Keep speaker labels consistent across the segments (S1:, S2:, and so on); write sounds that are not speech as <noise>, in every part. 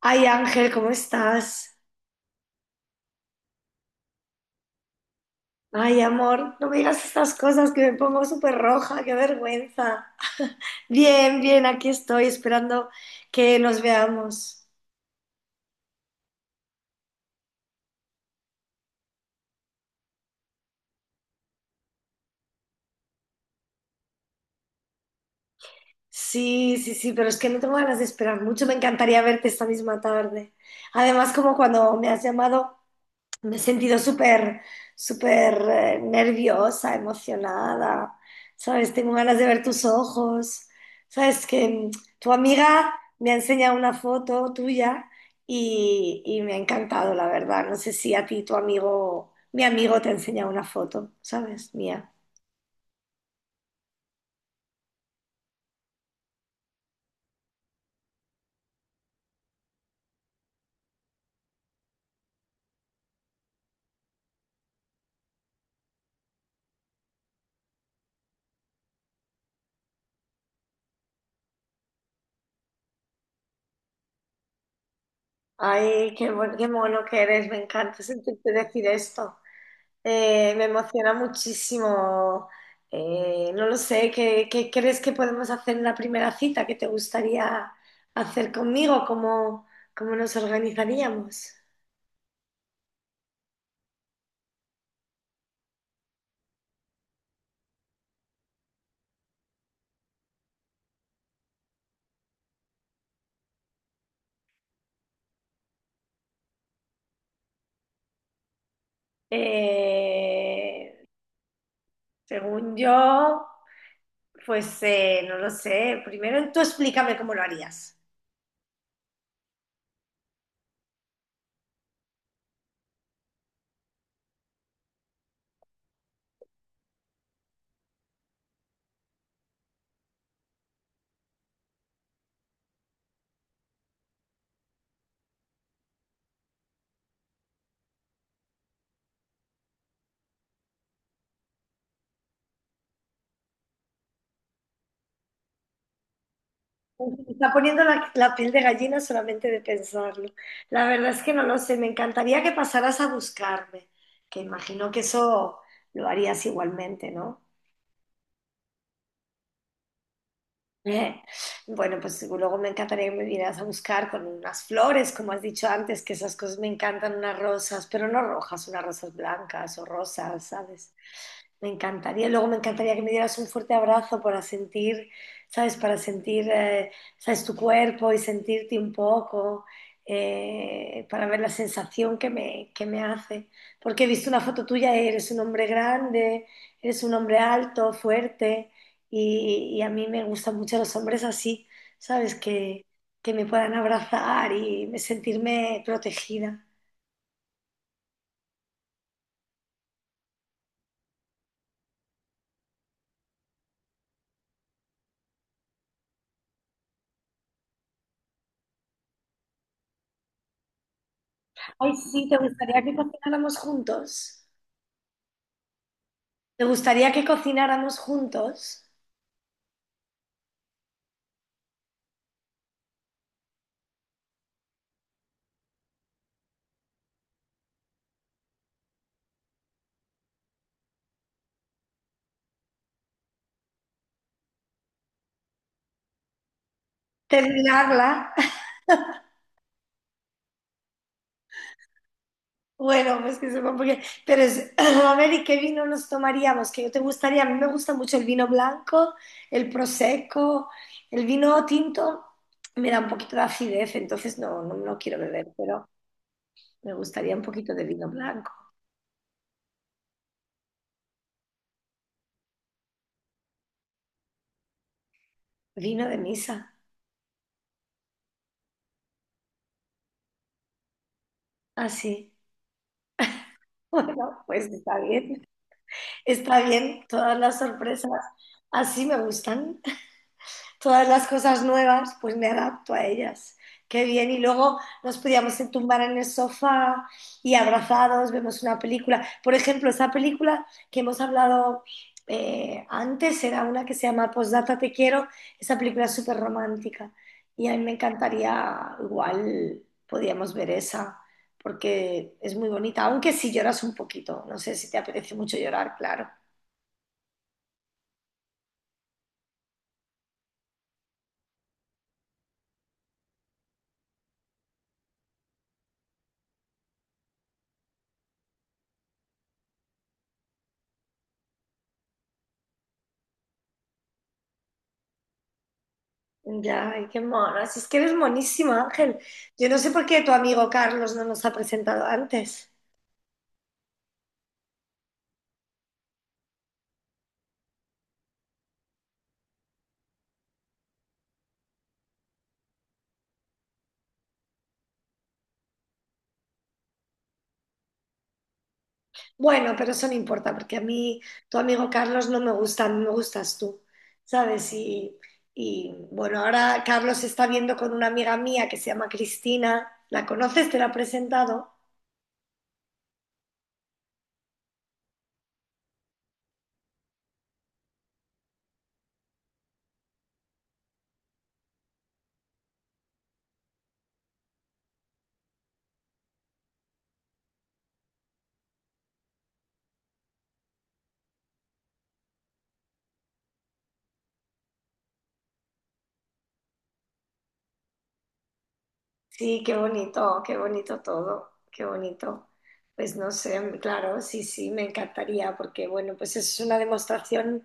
S1: Ay, Ángel, ¿cómo estás? Ay, amor, no me digas estas cosas que me pongo súper roja, qué vergüenza. <laughs> Bien, bien, aquí estoy esperando que nos veamos. Sí, sí, sí, pero es que no tengo ganas de esperar mucho, me encantaría verte esta misma tarde. Además, como cuando me has llamado, me he sentido súper, súper nerviosa, emocionada, ¿sabes? Tengo ganas de ver tus ojos, ¿sabes? Que tu amiga me ha enseñado una foto tuya y me ha encantado, la verdad. No sé si a ti tu amigo, mi amigo te ha enseñado una foto, ¿sabes? Mía. Ay, qué, qué mono que eres, me encanta sentirte decir esto. Me emociona muchísimo. No lo sé, ¿qué, qué crees que podemos hacer en la primera cita? ¿Qué te gustaría hacer conmigo? ¿Cómo, cómo nos organizaríamos? Eh, Según yo, pues no lo sé. Primero tú explícame cómo lo harías. Me está poniendo la piel de gallina solamente de pensarlo. La verdad es que no lo sé. Me encantaría que pasaras a buscarme, que imagino que eso lo harías igualmente, ¿no? <laughs> Eh, Bueno, pues luego me encantaría que me vinieras a buscar con unas flores, como has dicho antes, que esas cosas me encantan, unas rosas, pero no rojas, unas rosas blancas o rosas, ¿sabes? Me encantaría. Luego me encantaría que me dieras un fuerte abrazo para sentir, ¿sabes? Para sentir, ¿sabes? Tu cuerpo y sentirte un poco, para ver la sensación que me hace. Porque he visto una foto tuya, eres un hombre grande, eres un hombre alto, fuerte. Y a mí me gustan mucho los hombres así, ¿sabes? Que me puedan abrazar y sentirme protegida. Ay, sí, ¿te gustaría que cocináramos juntos? ¿Te gustaría que cocináramos juntos? Terminarla. <laughs> Bueno, pues que sepa porque... Pero es... <clears throat> A ver, ¿y qué vino nos tomaríamos? ¿Qué te gustaría? A mí me gusta mucho el vino blanco, el prosecco, el vino tinto. Me da un poquito de acidez, entonces no, no, no quiero beber, pero me gustaría un poquito de vino blanco. Vino de misa. Así. <laughs> Bueno, pues está bien. Está bien. Todas las sorpresas así me gustan. Todas las cosas nuevas, pues me adapto a ellas. Qué bien. Y luego nos podíamos tumbar en el sofá y abrazados, vemos una película. Por ejemplo, esa película que hemos hablado antes era una que se llama Postdata Te Quiero. Esa película es súper romántica. Y a mí me encantaría, igual podíamos ver esa, porque es muy bonita. Aunque si lloras un poquito, no sé si te apetece mucho llorar, claro. Ya, ay, qué mona. Si es que eres monísimo, Ángel. Yo no sé por qué tu amigo Carlos no nos ha presentado antes. Bueno, pero eso no importa, porque a mí tu amigo Carlos no me gusta, a mí me gustas tú, ¿sabes? Y bueno, ahora Carlos está viendo con una amiga mía que se llama Cristina. ¿La conoces? ¿Te la ha presentado? Sí, qué bonito todo, qué bonito. Pues no sé, claro, sí, sí, me encantaría porque, bueno, pues es una demostración,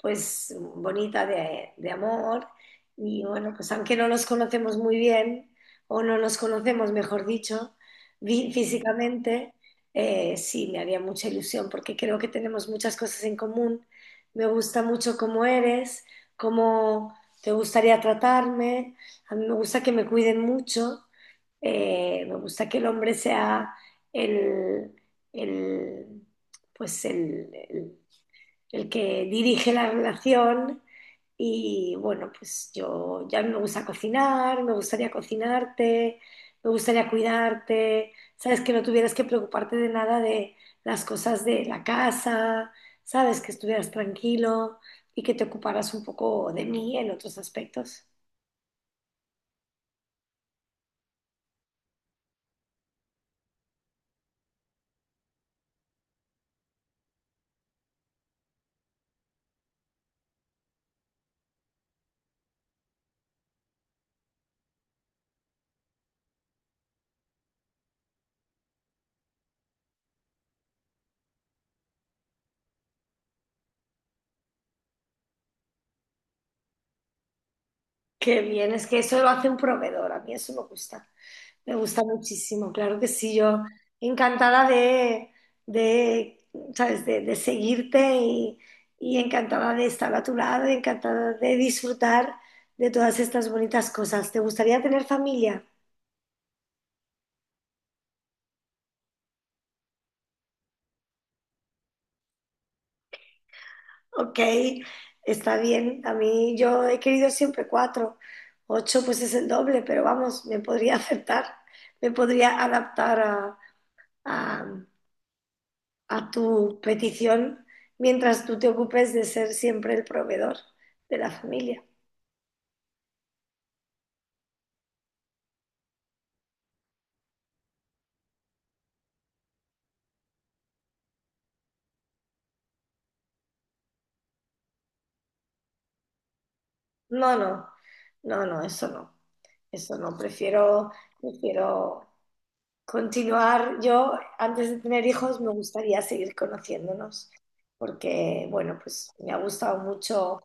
S1: pues, bonita de amor y, bueno, pues aunque no nos conocemos muy bien o no nos conocemos, mejor dicho, físicamente, sí, me haría mucha ilusión porque creo que tenemos muchas cosas en común. Me gusta mucho cómo eres, cómo te gustaría tratarme, a mí me gusta que me cuiden mucho. Me gusta que el hombre sea el, el, pues el, el que dirige la relación. Y bueno, pues yo ya no me gusta cocinar, me gustaría cocinarte, me gustaría cuidarte, sabes que no tuvieras que preocuparte de nada de las cosas de la casa, sabes que estuvieras tranquilo y que te ocuparas un poco de mí en otros aspectos. Qué bien, es que eso lo hace un proveedor, a mí eso me gusta. Me gusta muchísimo, claro que sí, yo encantada de, ¿sabes? De seguirte y encantada de estar a tu lado, encantada de disfrutar de todas estas bonitas cosas. ¿Te gustaría tener familia? Ok, está bien. A mí yo he querido siempre cuatro, ocho pues es el doble, pero vamos, me podría <laughs> aceptar, me podría adaptar a, a- a tu petición mientras tú te ocupes de ser siempre el proveedor de la familia. No, no, no, no, eso no. Eso no, prefiero, prefiero continuar. Yo, antes de tener hijos, me gustaría seguir conociéndonos, porque, bueno, pues me ha gustado mucho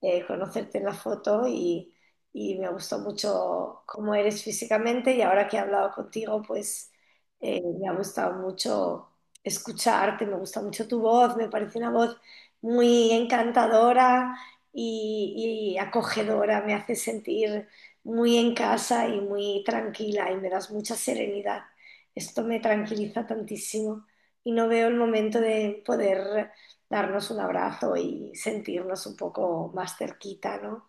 S1: conocerte en la foto y me gustó mucho cómo eres físicamente y ahora que he hablado contigo, pues me ha gustado mucho escucharte, me gusta mucho tu voz, me parece una voz muy encantadora y acogedora, me hace sentir muy en casa y muy tranquila y me das mucha serenidad. Esto me tranquiliza tantísimo y no veo el momento de poder darnos un abrazo y sentirnos un poco más cerquita, ¿no?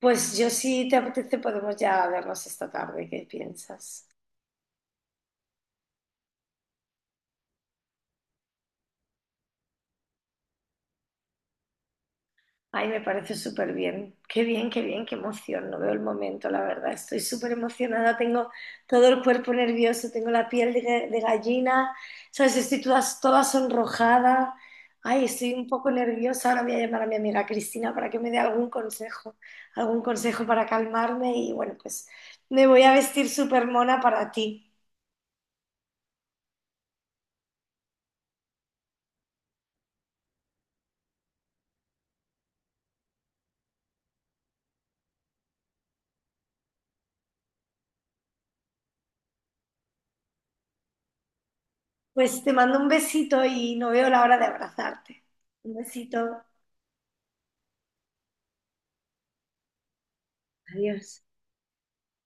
S1: Pues yo, si te apetece, podemos ya vernos esta tarde. ¿Qué piensas? Ay, me parece súper bien. Qué bien, qué bien, qué emoción. No veo el momento, la verdad. Estoy súper emocionada. Tengo todo el cuerpo nervioso, tengo la piel de, de gallina, ¿sabes? Estoy toda, toda sonrojada. Ay, estoy un poco nerviosa. Ahora voy a llamar a mi amiga Cristina para que me dé algún consejo para calmarme. Y bueno, pues me voy a vestir súper mona para ti. Pues te mando un besito y no veo la hora de abrazarte. Un besito. Adiós.